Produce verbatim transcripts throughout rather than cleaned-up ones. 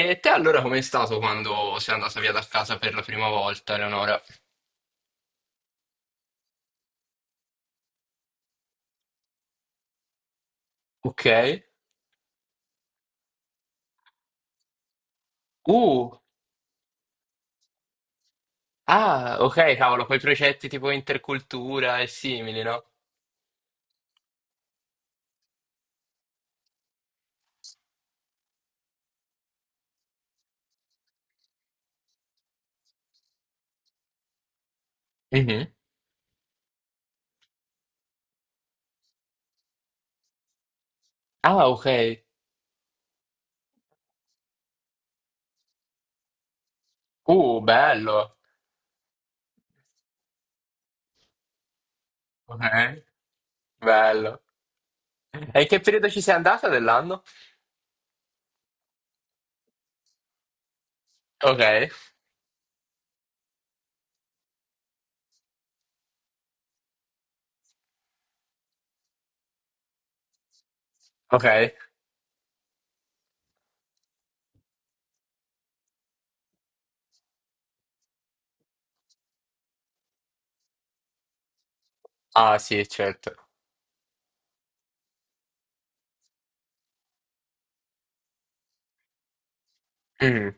E te allora com'è stato quando sei andata via da casa per la prima volta, Eleonora? Ok. Uh, ah, ok, cavolo, quei progetti tipo intercultura e simili, no? Mhm. Ah, ok. Uh, bello. Ok, bello. E in che periodo ci sei andata dell'anno? Ok, ok. Ah, sì, certo. Mm.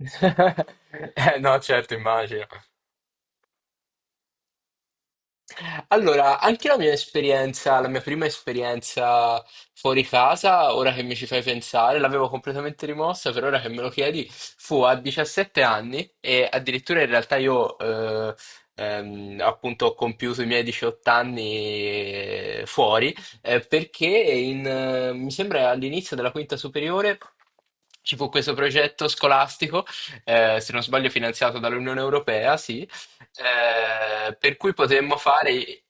Eh, no, certo, immagino. Allora, anche la mia esperienza, la mia prima esperienza fuori casa, ora che mi ci fai pensare, l'avevo completamente rimossa, per ora che me lo chiedi, fu a diciassette anni e addirittura in realtà io eh, ehm, appunto ho compiuto i miei diciotto anni eh, fuori, eh, perché in, eh, mi sembra all'inizio della quinta superiore ci fu questo progetto scolastico, eh, se non sbaglio finanziato dall'Unione Europea, sì eh, per cui potremmo fare.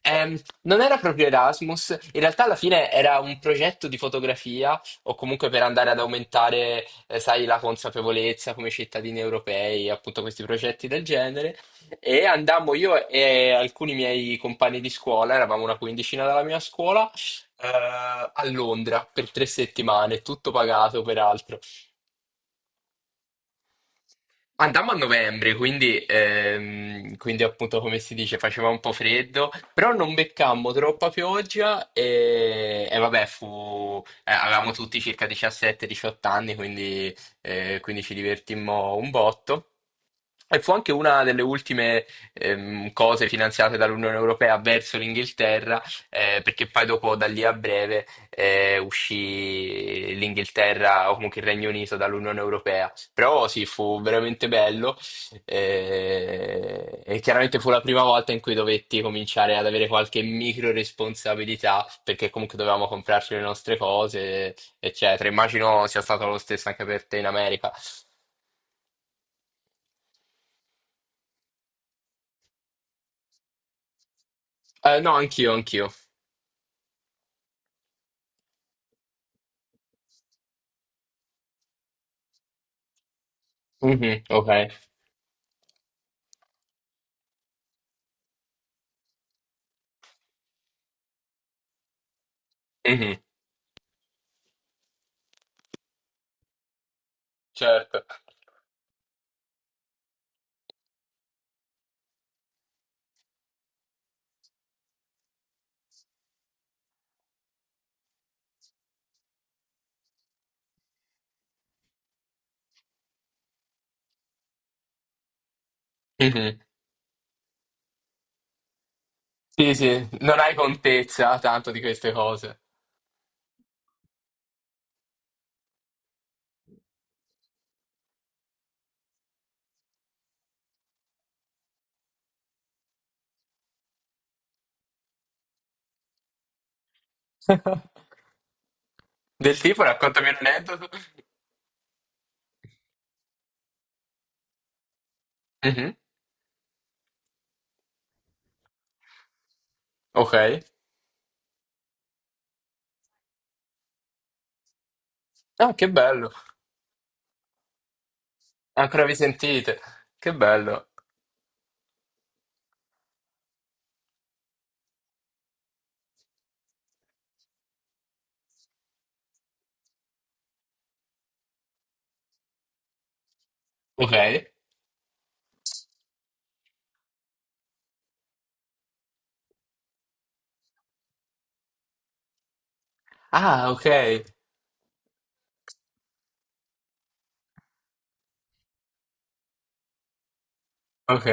ehm, Non era proprio Erasmus, in realtà alla fine era un progetto di fotografia o comunque per andare ad aumentare, eh, sai, la consapevolezza come cittadini europei, appunto questi progetti del genere. E andammo io e alcuni miei compagni di scuola, eravamo una quindicina dalla mia scuola, eh, a Londra per tre settimane, tutto pagato peraltro. Andammo a novembre, quindi, ehm, quindi appunto come si dice faceva un po' freddo, però non beccammo troppa pioggia e, e vabbè, fu, eh, avevamo tutti circa diciassette diciotto anni, quindi, eh, quindi ci divertimmo un botto. E fu anche una delle ultime ehm, cose finanziate dall'Unione Europea verso l'Inghilterra, eh, perché poi dopo da lì a breve eh, uscì l'Inghilterra o comunque il Regno Unito dall'Unione Europea. Però sì, fu veramente bello eh, e chiaramente fu la prima volta in cui dovetti cominciare ad avere qualche micro responsabilità, perché comunque dovevamo comprarci le nostre cose, eccetera. Immagino sia stato lo stesso anche per te in America. Eh, no, anch'io, anch'io. Mhm, ok. Mhm. Certo. Mhm. Sì, sì, non hai contezza tanto di queste cose. Del tipo, raccontami un aneddoto. Mhm. Ok. Ah, che bello. Ancora vi sentite? Che bello. Ok. Ah, ok. Ok.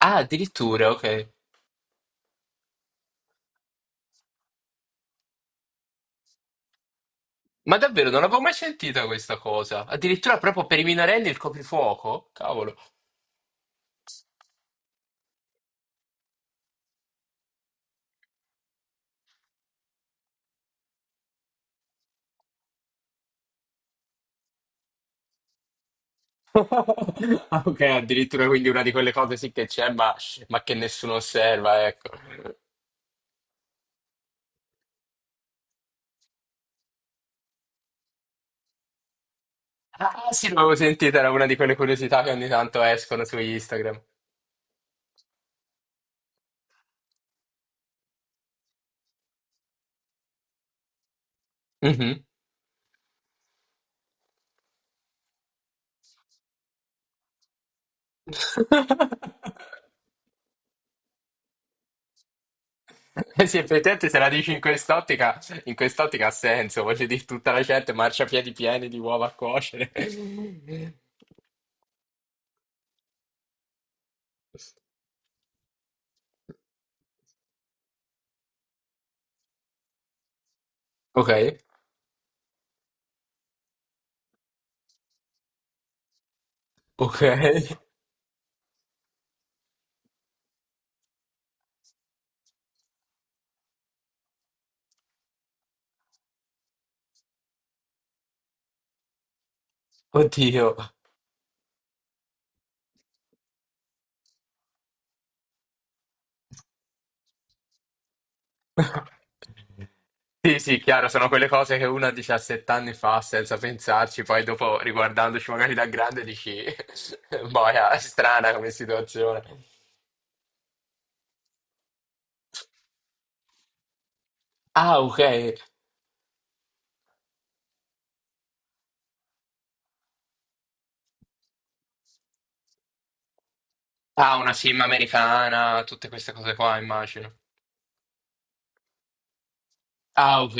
Ah, addirittura, ok. Ma davvero, non avevo mai sentita questa cosa. Addirittura proprio per i minorenni il coprifuoco? Cavolo. Ah, ok, addirittura quindi una di quelle cose sì che c'è, ma, ma che nessuno osserva, ecco. Ah, ah, sì, l'avevo sentita, era una di quelle curiosità che ogni tanto escono su Instagram. Mhm. Eh sì, effettivamente se la dici in quest'ottica, in quest'ottica ha senso, voglio dire, tutta la gente marciapiedi pieni di uova a cuocere. Ok, ok. Oddio. Sì, sì, chiaro, sono quelle cose che uno a diciassette anni fa senza pensarci, poi dopo riguardandoci magari da grande dici, boia, è strana come situazione. Ah, ok. Ah, una sim americana, tutte queste cose qua, immagino. Ah, ok.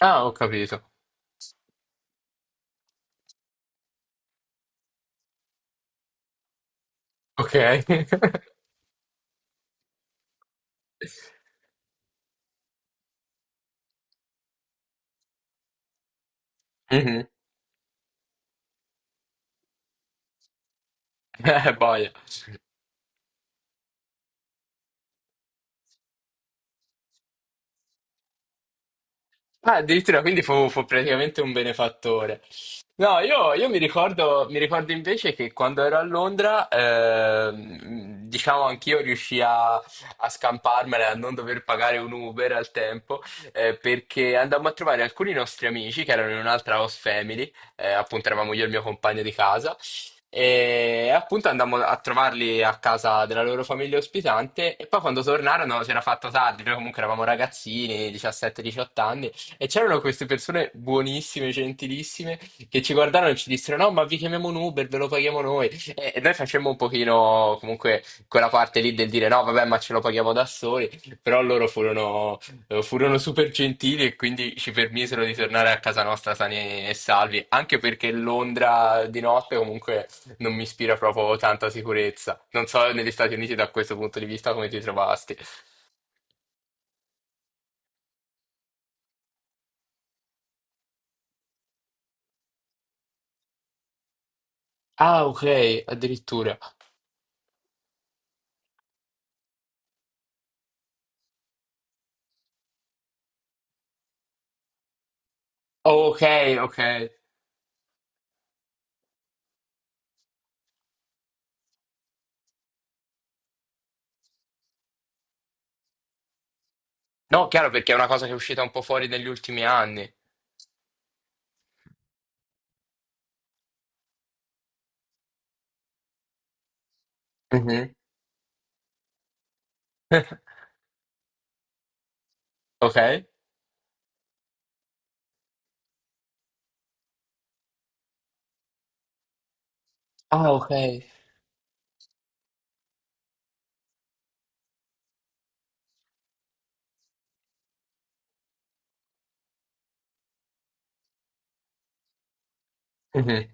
Ah, ho capito. Ok. Mhm. Eh, boia. Ah, addirittura, quindi fu, fu praticamente un benefattore. No, io, io mi ricordo, mi ricordo invece che quando ero a Londra, ehm, diciamo anch'io riuscii a, a scamparmela, a non dover pagare un Uber al tempo, eh, perché andammo a trovare alcuni nostri amici che erano in un'altra house family, eh, appunto eravamo io e il mio compagno di casa, e appunto andammo a trovarli a casa della loro famiglia ospitante e poi quando tornarono si era fatto tardi, noi comunque eravamo ragazzini, diciassette diciotto anni, e c'erano queste persone buonissime, gentilissime, che ci guardarono e ci dissero no, ma vi chiamiamo un Uber, ve lo paghiamo noi. E, e noi facemmo un pochino comunque quella parte lì del dire no, vabbè, ma ce lo paghiamo da soli, però loro furono, eh, furono super gentili e quindi ci permisero di tornare a casa nostra sani e salvi, anche perché Londra di notte comunque non mi ispira proprio tanta sicurezza. Non so negli Stati Uniti da questo punto di vista come ti trovasti. Ah, ok, addirittura. Oh, ok, ok. No, chiaro perché è una cosa che è uscita un po' fuori negli ultimi anni. Mhm. Ok. Ah, ok. Mhm.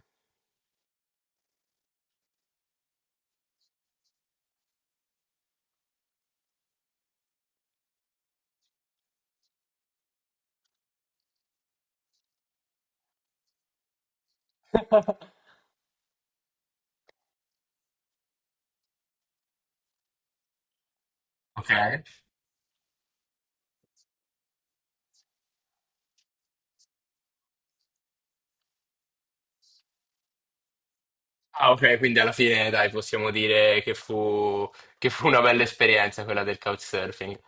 Ok. Ah, ok, quindi alla fine, dai, possiamo dire che fu, che fu una bella esperienza quella del couchsurfing.